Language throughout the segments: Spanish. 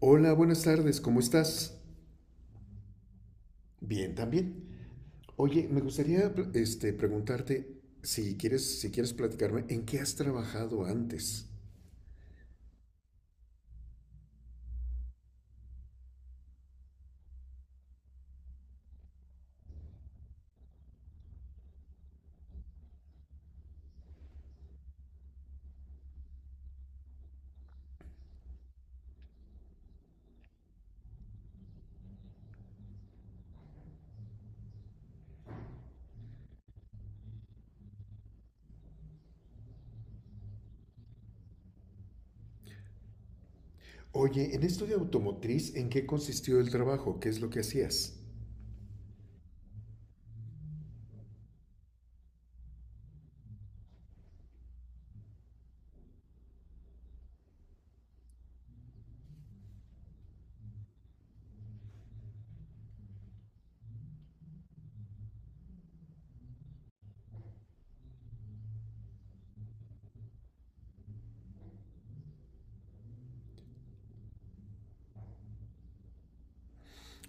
Hola, buenas tardes, ¿cómo estás? Bien, también. Oye, me gustaría preguntarte si quieres platicarme en qué has trabajado antes. Oye, en esto de automotriz, ¿en qué consistió el trabajo? ¿Qué es lo que hacías?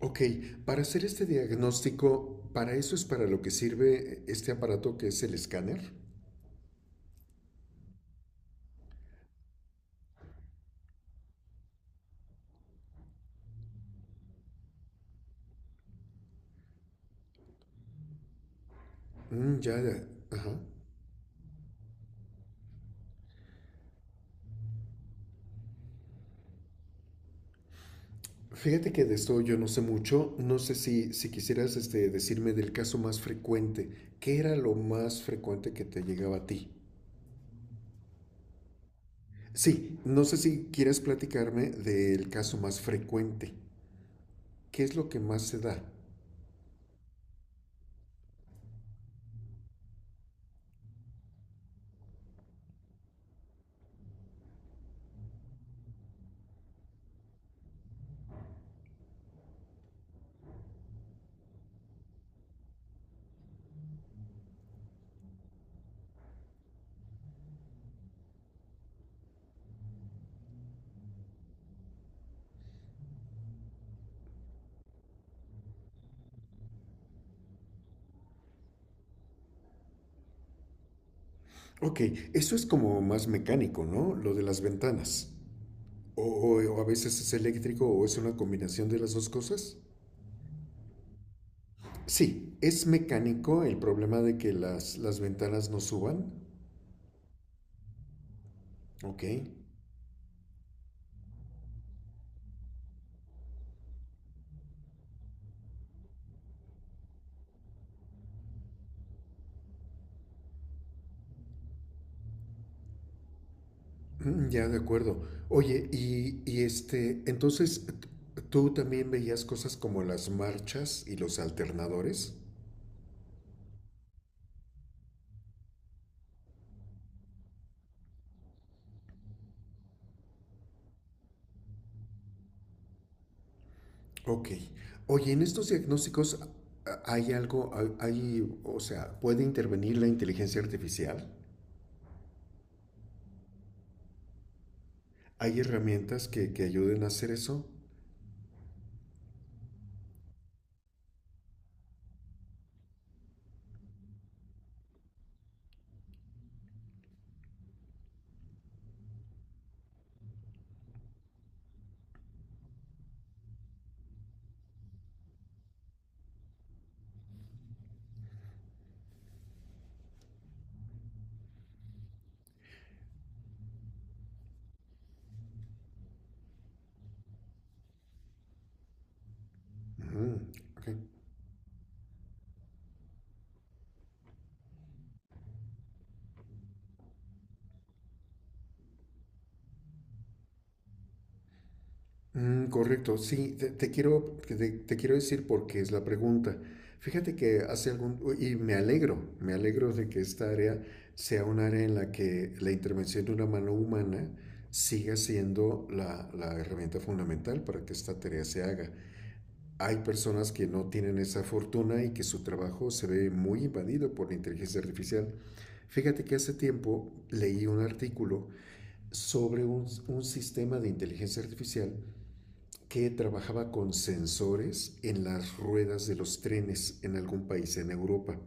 Ok, para hacer este diagnóstico, ¿para eso es para lo que sirve este aparato que es el escáner? Mm, ya, ya, ajá. Fíjate que de esto yo no sé mucho, no sé si quisieras decirme del caso más frecuente, ¿qué era lo más frecuente que te llegaba a ti? Sí, no sé si quieres platicarme del caso más frecuente, ¿qué es lo que más se da? Ok, eso es como más mecánico, ¿no? Lo de las ventanas. O, o a veces es eléctrico o es una combinación de las dos cosas. Sí, es mecánico el problema de que las ventanas no suban. Ok. Mm, ya, de acuerdo. Oye, y este, entonces, ¿tú también veías cosas como las marchas y los alternadores? Ok. Oye, en estos diagnósticos a- hay algo, hay- o sea, ¿puede intervenir la inteligencia artificial? ¿Hay herramientas que ayuden a hacer eso? Ujú, ok. Mm, correcto, sí, te quiero decir porque es la pregunta. Fíjate que hace algún, y me alegro de que esta área sea un área en la que la intervención de una mano humana siga siendo la herramienta fundamental para que esta tarea se haga. Hay personas que no tienen esa fortuna y que su trabajo se ve muy invadido por la inteligencia artificial. Fíjate que hace tiempo leí un artículo sobre un sistema de inteligencia artificial que trabajaba con sensores en las ruedas de los trenes en algún país en Europa.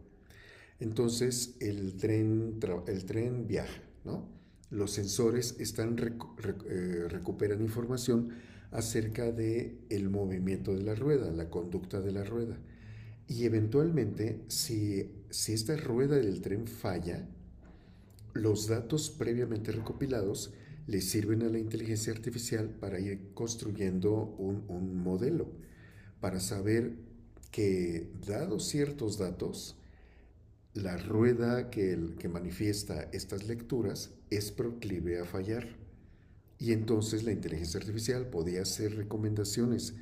Entonces el tren viaja, ¿no? Los sensores están recuperan información acerca de el movimiento de la rueda, la conducta de la rueda. Y eventualmente, si esta rueda del tren falla, los datos previamente recopilados le sirven a la inteligencia artificial para ir construyendo un modelo para saber que, dados ciertos datos, la rueda que manifiesta estas lecturas es proclive a fallar. Y entonces la inteligencia artificial podía hacer recomendaciones,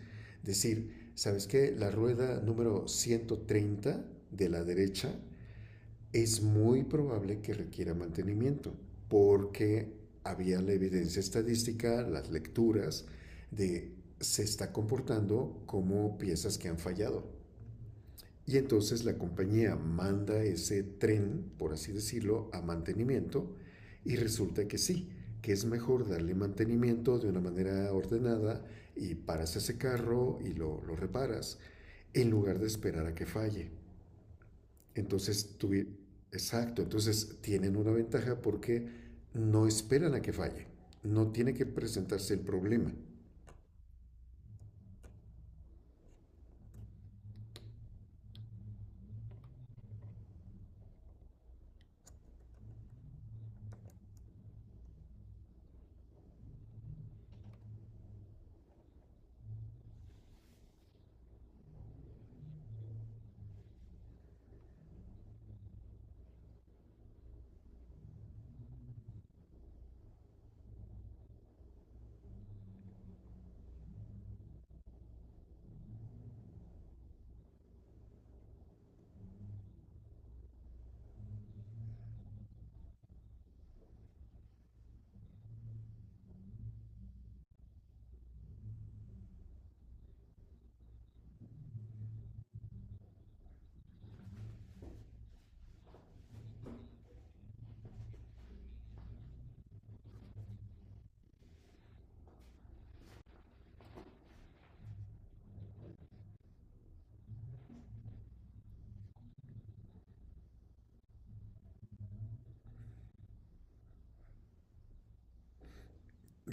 decir, ¿sabes qué? La rueda número 130 de la derecha es muy probable que requiera mantenimiento, porque había la evidencia estadística, las lecturas de se está comportando como piezas que han fallado. Y entonces la compañía manda ese tren, por así decirlo, a mantenimiento y resulta que sí, que es mejor darle mantenimiento de una manera ordenada y paras ese carro y lo reparas en lugar de esperar a que falle. Entonces, exacto, entonces tienen una ventaja porque no esperan a que falle, no tiene que presentarse el problema.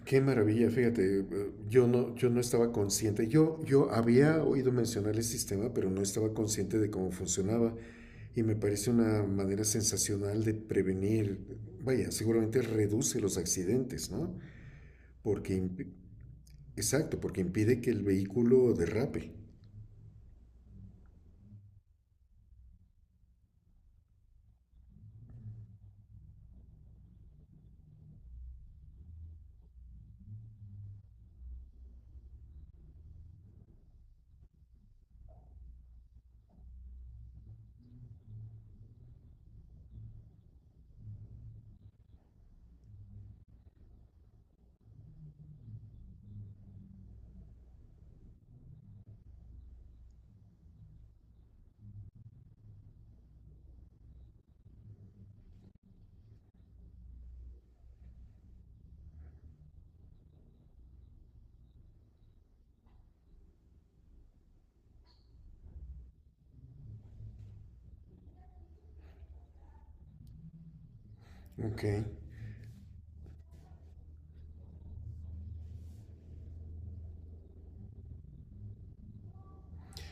Qué maravilla, fíjate, yo no estaba consciente, yo había oído mencionar el sistema, pero no estaba consciente de cómo funcionaba y me parece una manera sensacional de prevenir, vaya, seguramente reduce los accidentes, ¿no? Porque, impi- exacto, porque impide que el vehículo derrape. Ok,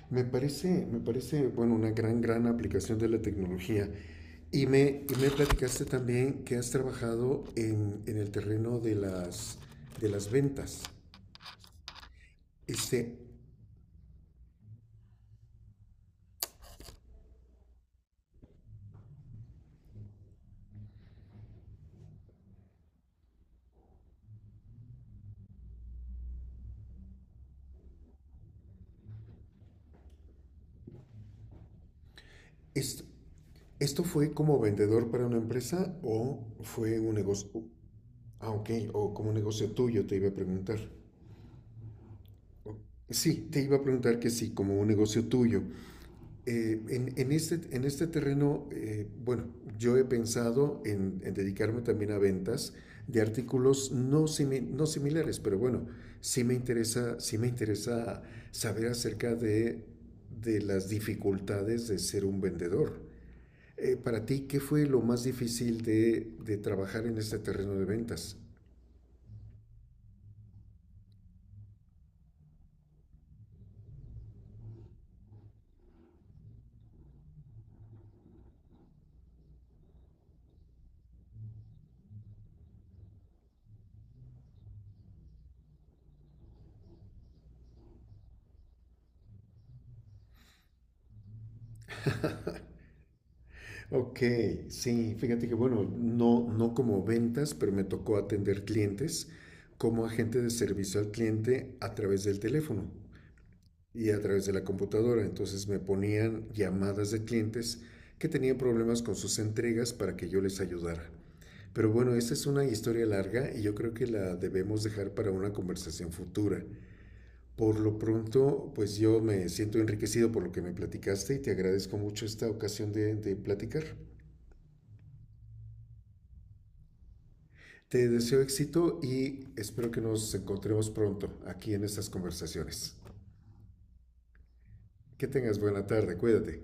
me parece, bueno, una gran aplicación de la tecnología. Y me platicaste también que has trabajado en el terreno de de las ventas. Este, esto, ¿Esto fue como vendedor para una empresa o fue un negocio? Ah, ok, o como un negocio tuyo, te iba a preguntar. Sí, te iba a preguntar que sí, como un negocio tuyo, en este terreno, bueno, yo he pensado dedicarme también a ventas de artículos no similares, pero bueno, sí me interesa saber de las dificultades de ser un vendedor. Para ti, ¿qué fue lo más difícil de trabajar en este terreno de ventas? Ok, sí, fíjate que bueno, no como ventas, pero me tocó atender clientes como agente de servicio al cliente a través del teléfono y a través de la computadora. Entonces me ponían llamadas de clientes que tenían problemas con sus entregas para que yo les ayudara. Pero bueno, esta es una historia larga y yo creo que la debemos dejar para una conversación futura. Por lo pronto, pues yo me siento enriquecido por lo que me platicaste y te agradezco mucho esta ocasión de platicar. Te deseo éxito y espero que nos encontremos pronto aquí en estas conversaciones. Que tengas buena tarde, cuídate.